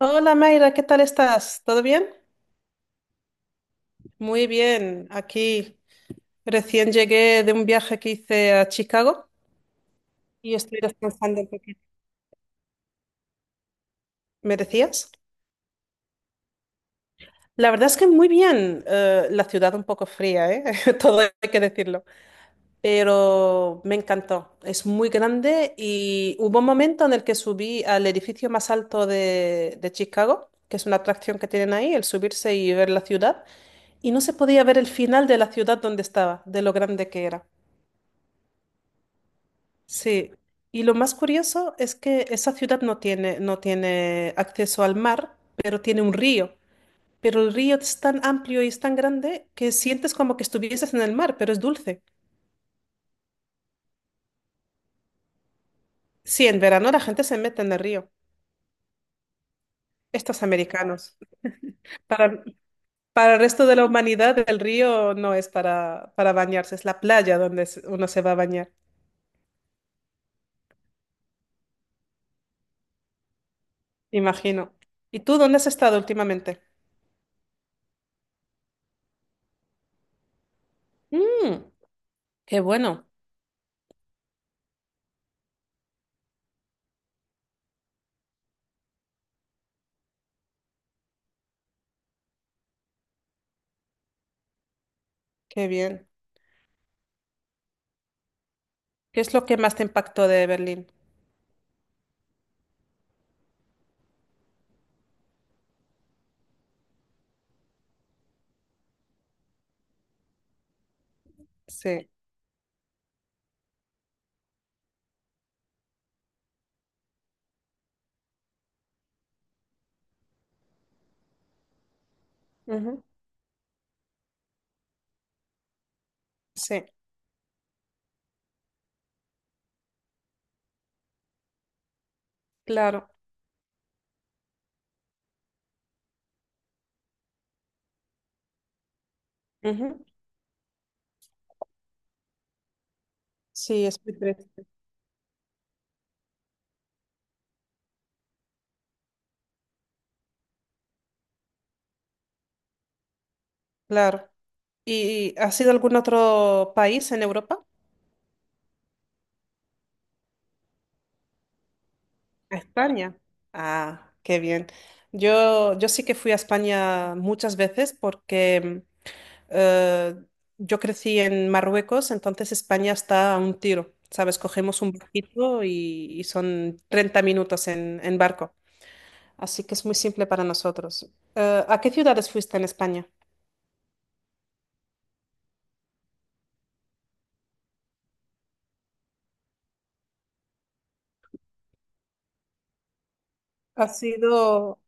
Hola Mayra, ¿qué tal estás? ¿Todo bien? Muy bien, aquí recién llegué de un viaje que hice a Chicago y estoy descansando un poquito. ¿Me decías? La verdad es que muy bien, la ciudad un poco fría, ¿eh? Todo hay que decirlo, pero me encantó. Es muy grande y hubo un momento en el que subí al edificio más alto de Chicago, que es una atracción que tienen ahí, el subirse y ver la ciudad, y no se podía ver el final de la ciudad donde estaba, de lo grande que era. Sí, y lo más curioso es que esa ciudad no tiene, no tiene acceso al mar, pero tiene un río. Pero el río es tan amplio y es tan grande que sientes como que estuvieses en el mar, pero es dulce. Sí, en verano la gente se mete en el río, estos americanos. Para, para el resto de la humanidad, el río no es para bañarse, es la playa donde uno se va a bañar, imagino. ¿Y tú dónde has estado últimamente? Mm, qué bueno, qué bien. ¿Qué es lo que más te impactó de Berlín? Sí. Ujú. Sí, claro. Ujú. Sí, es muy triste. Claro. ¿Y has ido a algún otro país en Europa? A España. Ah, qué bien. Yo sí que fui a España muchas veces porque eh, yo crecí en Marruecos, entonces España está a un tiro, ¿sabes? Cogemos un barquito y son 30 minutos en barco. Así que es muy simple para nosotros. ¿A qué ciudades fuiste en España? ¿Has ido?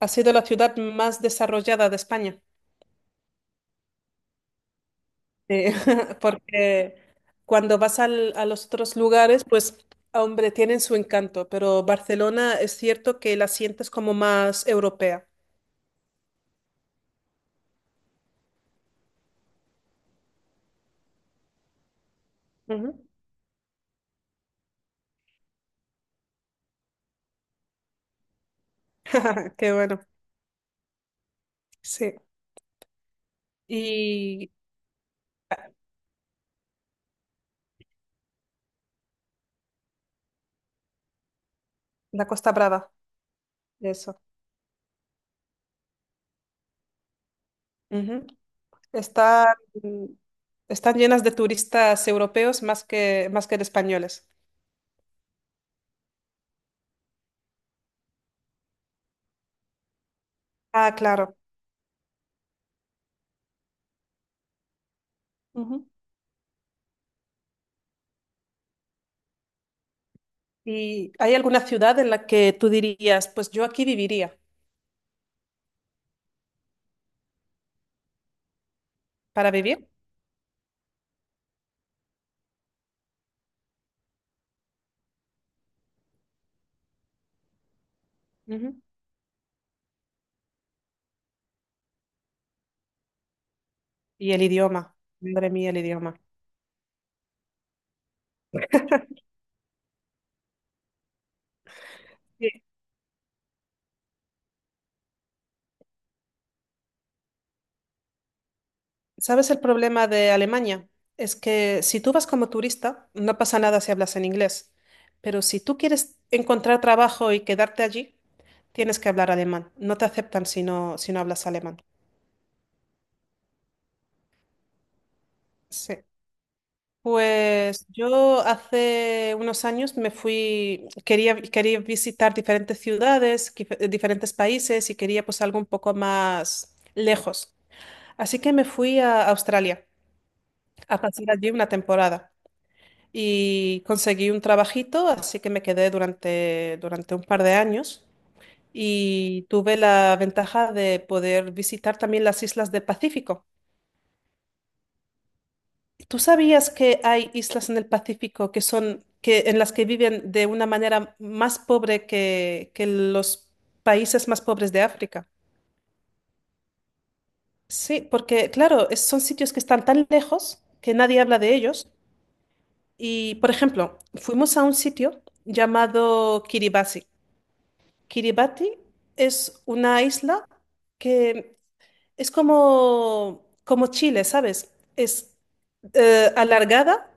Ha sido la ciudad más desarrollada de España, eh, porque cuando vas a los otros lugares, pues, ah, hombre, tienen su encanto, pero Barcelona es cierto que la sientes como más europea. Ujú. Qué bueno, sí. Y la Costa Brava, eso. Ujú. Está- están llenas de turistas europeos más que de españoles. Ah, claro. Ujú. ¿Y hay alguna ciudad en la que tú dirías, pues yo aquí viviría? Para vivir. Ujú. Y el idioma, madre mía, el idioma. Sí. ¿Sabes el problema de Alemania? Es que si tú vas como turista, no pasa nada si hablas en inglés, pero si tú quieres encontrar trabajo y quedarte allí, tienes que hablar alemán. No te aceptan si no, si no hablas alemán. Sí. Pues yo hace unos años me fui, quería, quería visitar diferentes ciudades, diferentes países y quería pues algo un poco más lejos. Así que me fui a Australia a pasar allí una temporada y conseguí un trabajito, así que me quedé durante un par de años y tuve la ventaja de poder visitar también las islas del Pacífico. ¿Tú sabías que hay islas en el Pacífico que son, que, en las que viven de una manera más pobre que los países más pobres de África? Sí, porque claro, son sitios que están tan lejos que nadie habla de ellos. Y, por ejemplo, fuimos a un sitio llamado Kiribati. Kiribati es una isla que es como, como Chile, ¿sabes? Es alargada,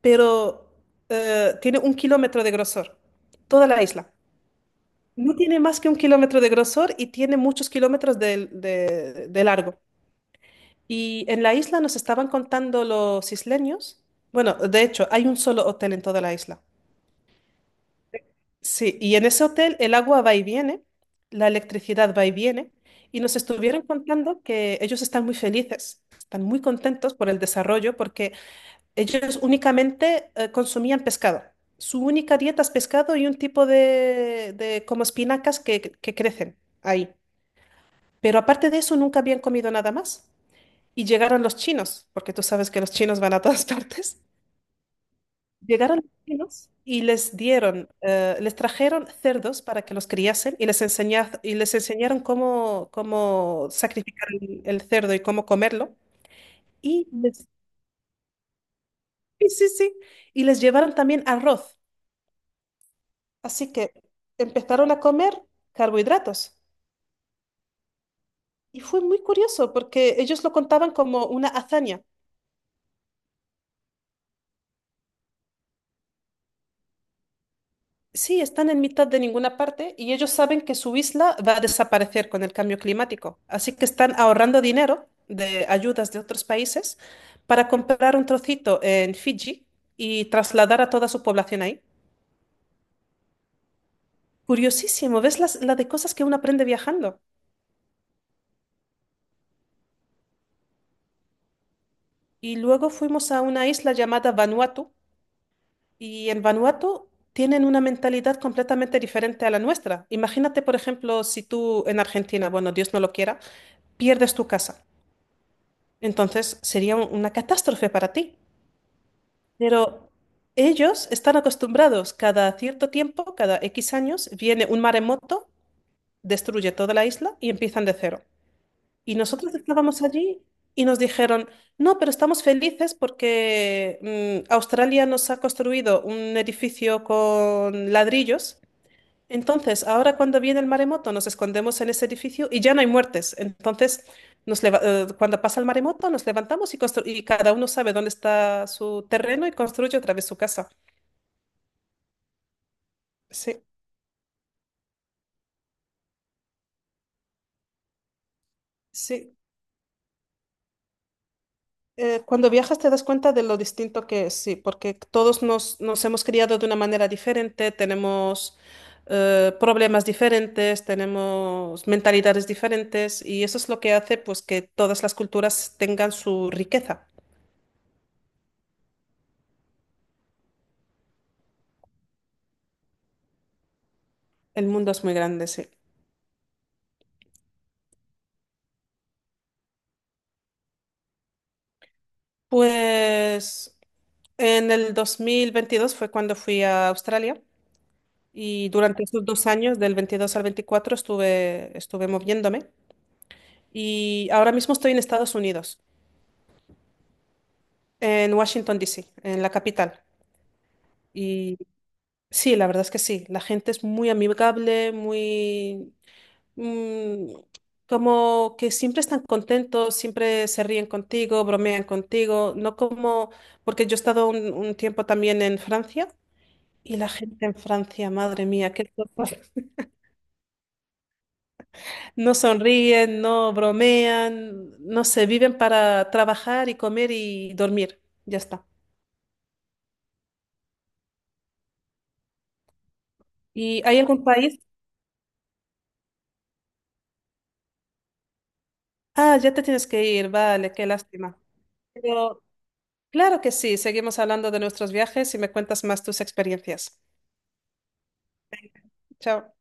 pero tiene un kilómetro de grosor, toda la isla. No tiene más que un kilómetro de grosor y tiene muchos kilómetros de largo. Y en la isla nos estaban contando los isleños. Bueno, de hecho, hay un solo hotel en toda la isla. Sí, y en ese hotel el agua va y viene, la electricidad va y viene, y nos estuvieron contando que ellos están muy felices, están muy contentos por el desarrollo, porque ellos únicamente consumían pescado. Su única dieta es pescado y un tipo de como espinacas que crecen ahí. Pero aparte de eso, nunca habían comido nada más. Y llegaron los chinos, porque tú sabes que los chinos van a todas partes. Llegaron los chinos y les dieron, les trajeron cerdos para que los criasen y les enseñaron cómo sacrificar el cerdo y cómo comerlo. Y les, sí, sí, sí, y les llevaron también arroz. Así que empezaron a comer carbohidratos. Y fue muy curioso porque ellos lo contaban como una hazaña. Sí, están en mitad de ninguna parte y ellos saben que su isla va a desaparecer con el cambio climático. Así que están ahorrando dinero de ayudas de otros países para comprar un trocito en Fiji y trasladar a toda su población ahí. Curiosísimo, ¿ves la de cosas que uno aprende viajando? Y luego fuimos a una isla llamada Vanuatu y en Vanuatu tienen una mentalidad completamente diferente a la nuestra. Imagínate, por ejemplo, si tú en Argentina, bueno, Dios no lo quiera, pierdes tu casa. Entonces sería una catástrofe para ti. Pero ellos están acostumbrados, cada cierto tiempo, cada X años, viene un maremoto, destruye toda la isla y empiezan de cero. Y nosotros estábamos allí y nos dijeron, no, pero estamos felices porque Australia nos ha construido un edificio con ladrillos. Entonces, ahora cuando viene el maremoto, nos escondemos en ese edificio y ya no hay muertes. Entonces, cuando pasa el maremoto, nos levantamos y cada uno sabe dónde está su terreno y construye otra vez su casa. Sí, sí. Cuando viajas te das cuenta de lo distinto que es, sí, porque todos nos hemos criado de una manera diferente, tenemos problemas diferentes, tenemos mentalidades diferentes y eso es lo que hace pues que todas las culturas tengan su riqueza. El mundo es muy grande, sí. Pues en el 2022 fue cuando fui a Australia y durante esos 2 años, del 22 al 24 estuve, estuve moviéndome y ahora mismo estoy en Estados Unidos, en Washington, D. C. en la capital. Y sí, la verdad es que sí, la gente es muy amigable, muy... mm, como que siempre están contentos, siempre se ríen contigo, bromean contigo, no como... Porque yo he estado un tiempo también en Francia. Y la gente en Francia, madre mía, qué cosas. No sonríen, no bromean, no se viven para trabajar y comer y dormir. Ya está. ¿Y hay algún país? Ah, ya te tienes que ir, vale, qué lástima. Pero claro que sí, seguimos hablando de nuestros viajes y me cuentas más tus experiencias. Chao.